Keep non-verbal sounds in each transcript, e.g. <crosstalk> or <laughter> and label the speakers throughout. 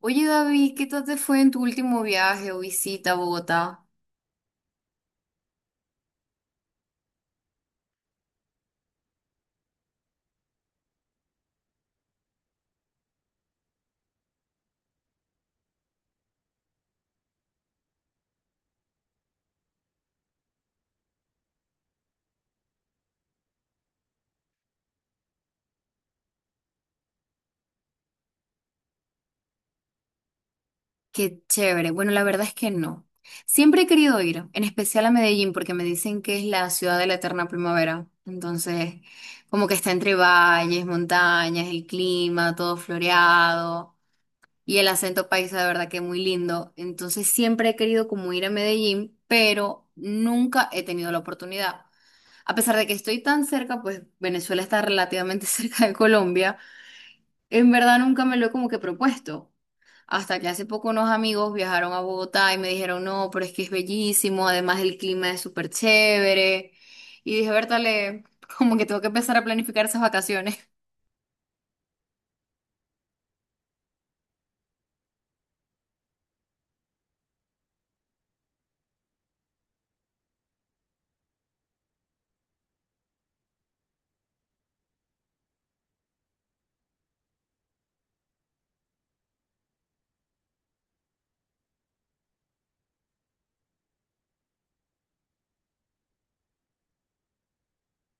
Speaker 1: Oye, David, ¿qué tal te fue en tu último viaje o visita a Bogotá? Qué chévere. Bueno, la verdad es que no. Siempre he querido ir, en especial a Medellín, porque me dicen que es la ciudad de la eterna primavera. Entonces, como que está entre valles, montañas, el clima, todo floreado y el acento paisa, de verdad que es muy lindo. Entonces, siempre he querido como ir a Medellín, pero nunca he tenido la oportunidad. A pesar de que estoy tan cerca, pues Venezuela está relativamente <laughs> cerca de Colombia. En verdad nunca me lo he como que propuesto. Hasta que hace poco unos amigos viajaron a Bogotá y me dijeron, no, pero es que es bellísimo, además el clima es súper chévere. Y dije, Bertale, como que tengo que empezar a planificar esas vacaciones. <laughs>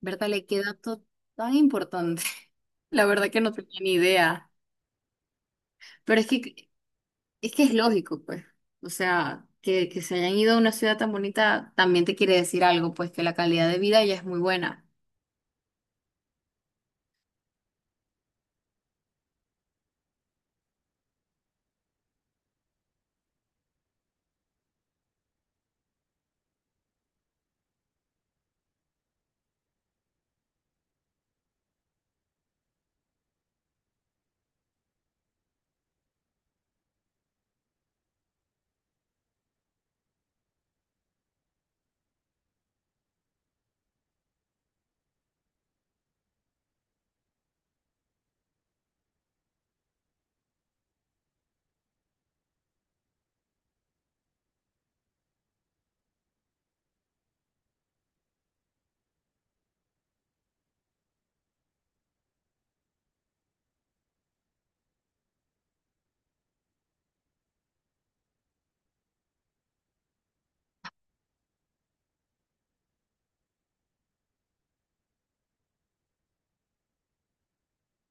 Speaker 1: Bertale, qué dato tan importante. <laughs> La verdad que no tenía ni idea. Pero es que es lógico, pues. O sea, que se hayan ido a una ciudad tan bonita también te quiere decir algo, pues que la calidad de vida ya es muy buena.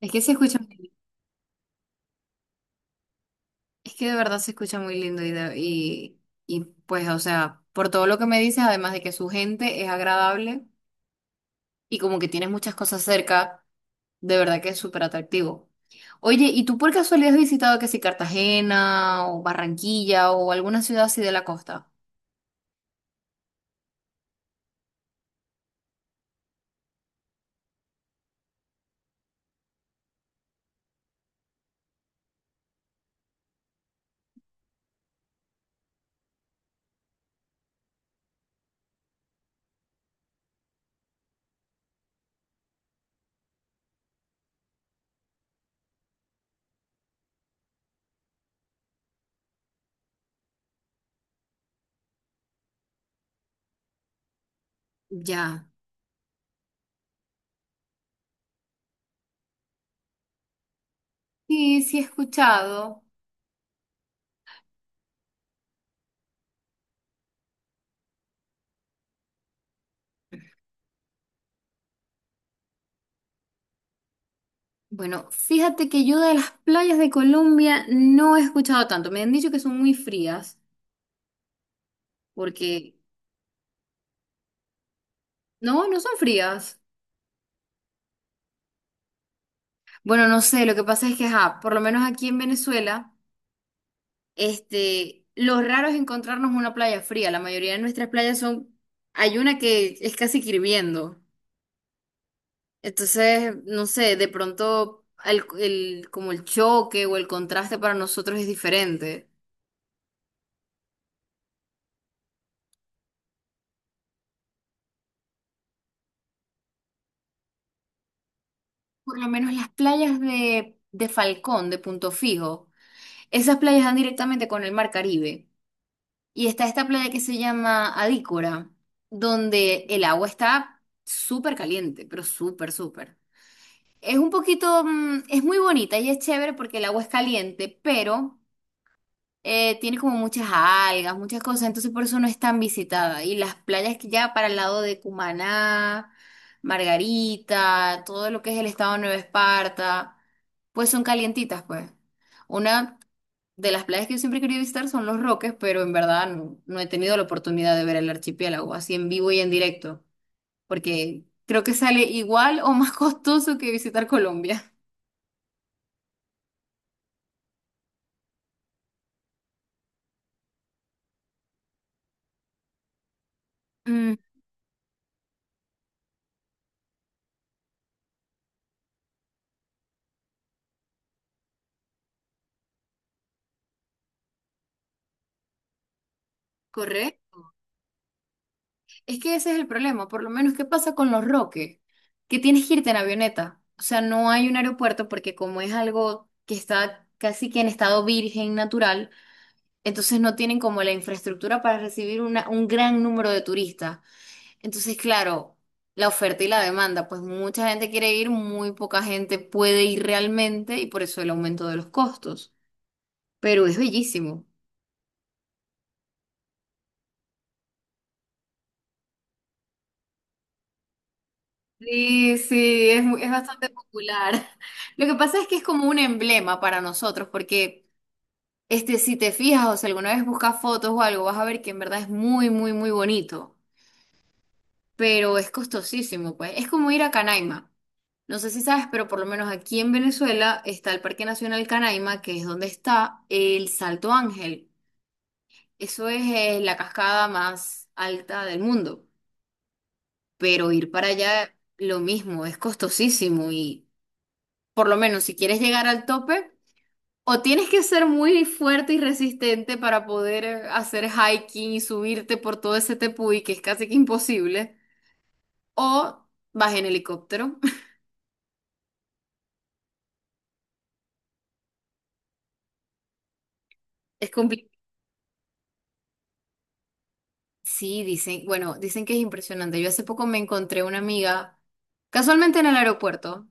Speaker 1: Es que se escucha. Es que de verdad se escucha muy lindo y, y pues, o sea, por todo lo que me dices, además de que su gente es agradable y como que tienes muchas cosas cerca, de verdad que es súper atractivo. Oye, ¿y tú por casualidad has visitado que si Cartagena o Barranquilla o alguna ciudad así de la costa? Ya. Sí, sí he escuchado. Bueno, fíjate que yo de las playas de Colombia no he escuchado tanto. Me han dicho que son muy frías, porque no son frías. Bueno, no sé, lo que pasa es que, ajá, por lo menos aquí en Venezuela, este, lo raro es encontrarnos una playa fría. La mayoría de nuestras playas son, hay una que es casi que hirviendo. Entonces, no sé, de pronto como el choque o el contraste para nosotros es diferente. Por lo menos las playas de Falcón, de Punto Fijo, esas playas dan directamente con el mar Caribe. Y está esta playa que se llama Adícora, donde el agua está súper caliente, pero súper, súper. Es un poquito, es muy bonita y es chévere porque el agua es caliente, pero tiene como muchas algas, muchas cosas, entonces por eso no es tan visitada. Y las playas que ya para el lado de Cumaná, Margarita, todo lo que es el estado de Nueva Esparta, pues son calientitas, pues. Una de las playas que yo siempre he querido visitar son Los Roques, pero en verdad no he tenido la oportunidad de ver el archipiélago así en vivo y en directo, porque creo que sale igual o <laughs> más costoso que visitar Colombia. Mm, ¿correcto? Es que ese es el problema, por lo menos, ¿qué pasa con Los Roques? Que tienes que irte en avioneta, o sea, no hay un aeropuerto porque como es algo que está casi que en estado virgen natural, entonces no tienen como la infraestructura para recibir un gran número de turistas. Entonces, claro, la oferta y la demanda, pues mucha gente quiere ir, muy poca gente puede ir realmente y por eso el aumento de los costos. Pero es bellísimo. Sí, sí, es, es bastante popular. <laughs> Lo que pasa es que es como un emblema para nosotros, porque este, si te fijas o si alguna vez buscas fotos o algo, vas a ver que en verdad es muy, muy, muy bonito. Pero es costosísimo, pues. Es como ir a Canaima. No sé si sabes, pero por lo menos aquí en Venezuela está el Parque Nacional Canaima, que es donde está el Salto Ángel. Eso es, la cascada más alta del mundo. Pero ir para allá, lo mismo, es costosísimo y por lo menos si quieres llegar al tope, o tienes que ser muy fuerte y resistente para poder hacer hiking y subirte por todo ese tepuy, que es casi que imposible, o vas en helicóptero. <laughs> Es complicado. Sí, dicen, bueno, dicen que es impresionante. Yo hace poco me encontré una amiga, casualmente en el aeropuerto.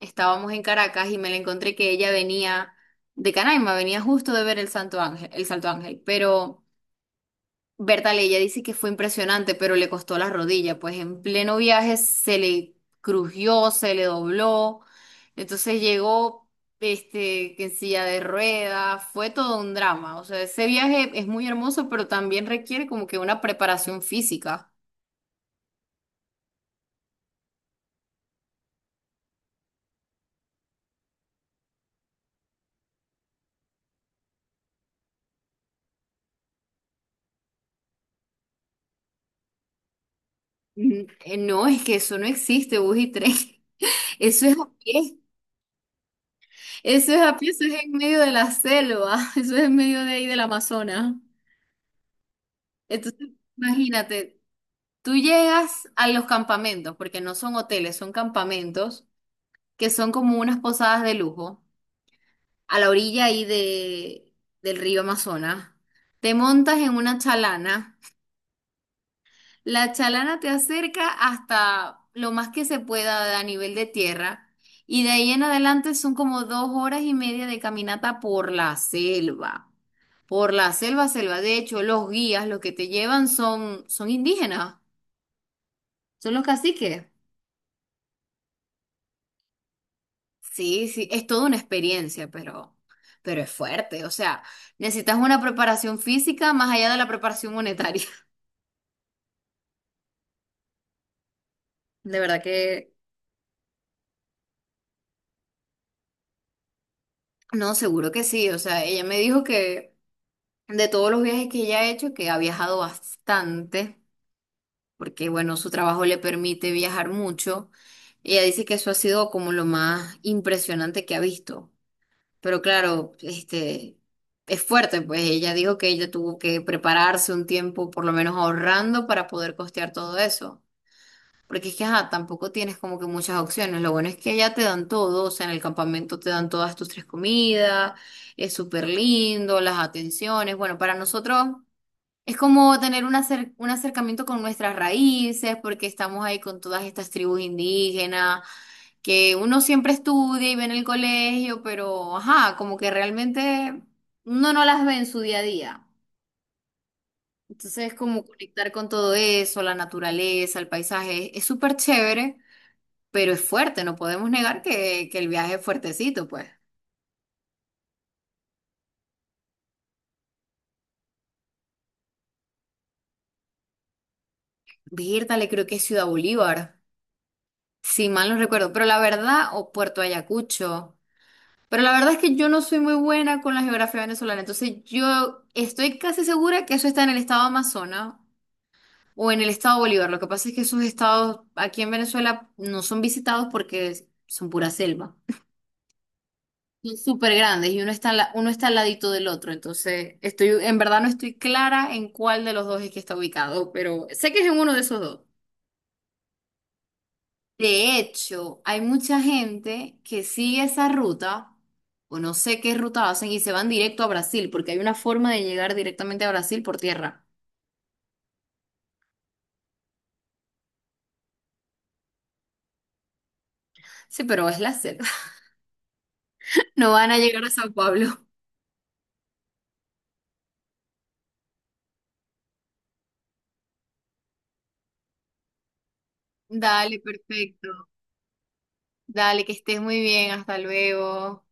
Speaker 1: Estábamos en Caracas y me la encontré que ella venía de Canaima, venía justo de ver el Santo Ángel, el Salto Ángel, pero Berta ella dice que fue impresionante, pero le costó la rodilla, pues en pleno viaje se le crujió, se le dobló, entonces llegó este, que en silla de ruedas, fue todo un drama, o sea, ese viaje es muy hermoso, pero también requiere como que una preparación física. No, es que eso no existe, bus y tren. <laughs> Eso es a pie, eso es a pie, eso es en medio de la selva, <laughs> eso es en medio de ahí del Amazonas. Entonces, imagínate. Tú llegas a los campamentos, porque no son hoteles, son campamentos, que son como unas posadas de lujo, a la orilla ahí del río Amazonas. Te montas en una chalana. La chalana te acerca hasta lo más que se pueda a nivel de tierra. Y de ahí en adelante son como 2 horas y media de caminata por la selva. Por la selva, selva. De hecho, los guías, los que te llevan son indígenas, son los caciques. Sí, sí, es toda una experiencia, pero es fuerte. O sea, necesitas una preparación física más allá de la preparación monetaria. <laughs> De verdad que no, seguro que sí. O sea, ella me dijo que de todos los viajes que ella ha hecho, que ha viajado bastante, porque bueno, su trabajo le permite viajar mucho. Ella dice que eso ha sido como lo más impresionante que ha visto. Pero claro, este, es fuerte, pues ella dijo que ella tuvo que prepararse un tiempo, por lo menos ahorrando, para poder costear todo eso. Porque es que, ajá, tampoco tienes como que muchas opciones. Lo bueno es que allá te dan todo, o sea, en el campamento te dan todas tus tres comidas, es súper lindo, las atenciones. Bueno, para nosotros es como tener un, un acercamiento con nuestras raíces, porque estamos ahí con todas estas tribus indígenas que uno siempre estudia y ve en el colegio, pero ajá, como que realmente uno no las ve en su día a día. Entonces, como conectar con todo eso, la naturaleza, el paisaje, es súper chévere, pero es fuerte, no podemos negar que el viaje es fuertecito, pues. Le creo que es Ciudad Bolívar, si mal no recuerdo, pero la verdad, o Puerto Ayacucho. Pero la verdad es que yo no soy muy buena con la geografía venezolana, entonces yo estoy casi segura que eso está en el estado Amazonas. O en el estado Bolívar. Lo que pasa es que esos estados aquí en Venezuela no son visitados porque son pura selva. Son súper grandes y uno está, uno está al ladito del otro. Entonces, estoy, en verdad no estoy clara en cuál de los dos es que está ubicado, pero sé que es en uno de esos dos. De hecho, hay mucha gente que sigue esa ruta, o no sé qué ruta hacen, y se van directo a Brasil, porque hay una forma de llegar directamente a Brasil por tierra. Sí, pero es la selva. <laughs> No van a llegar a Sao Pablo. <laughs> Dale, perfecto. Dale, que estés muy bien, hasta luego.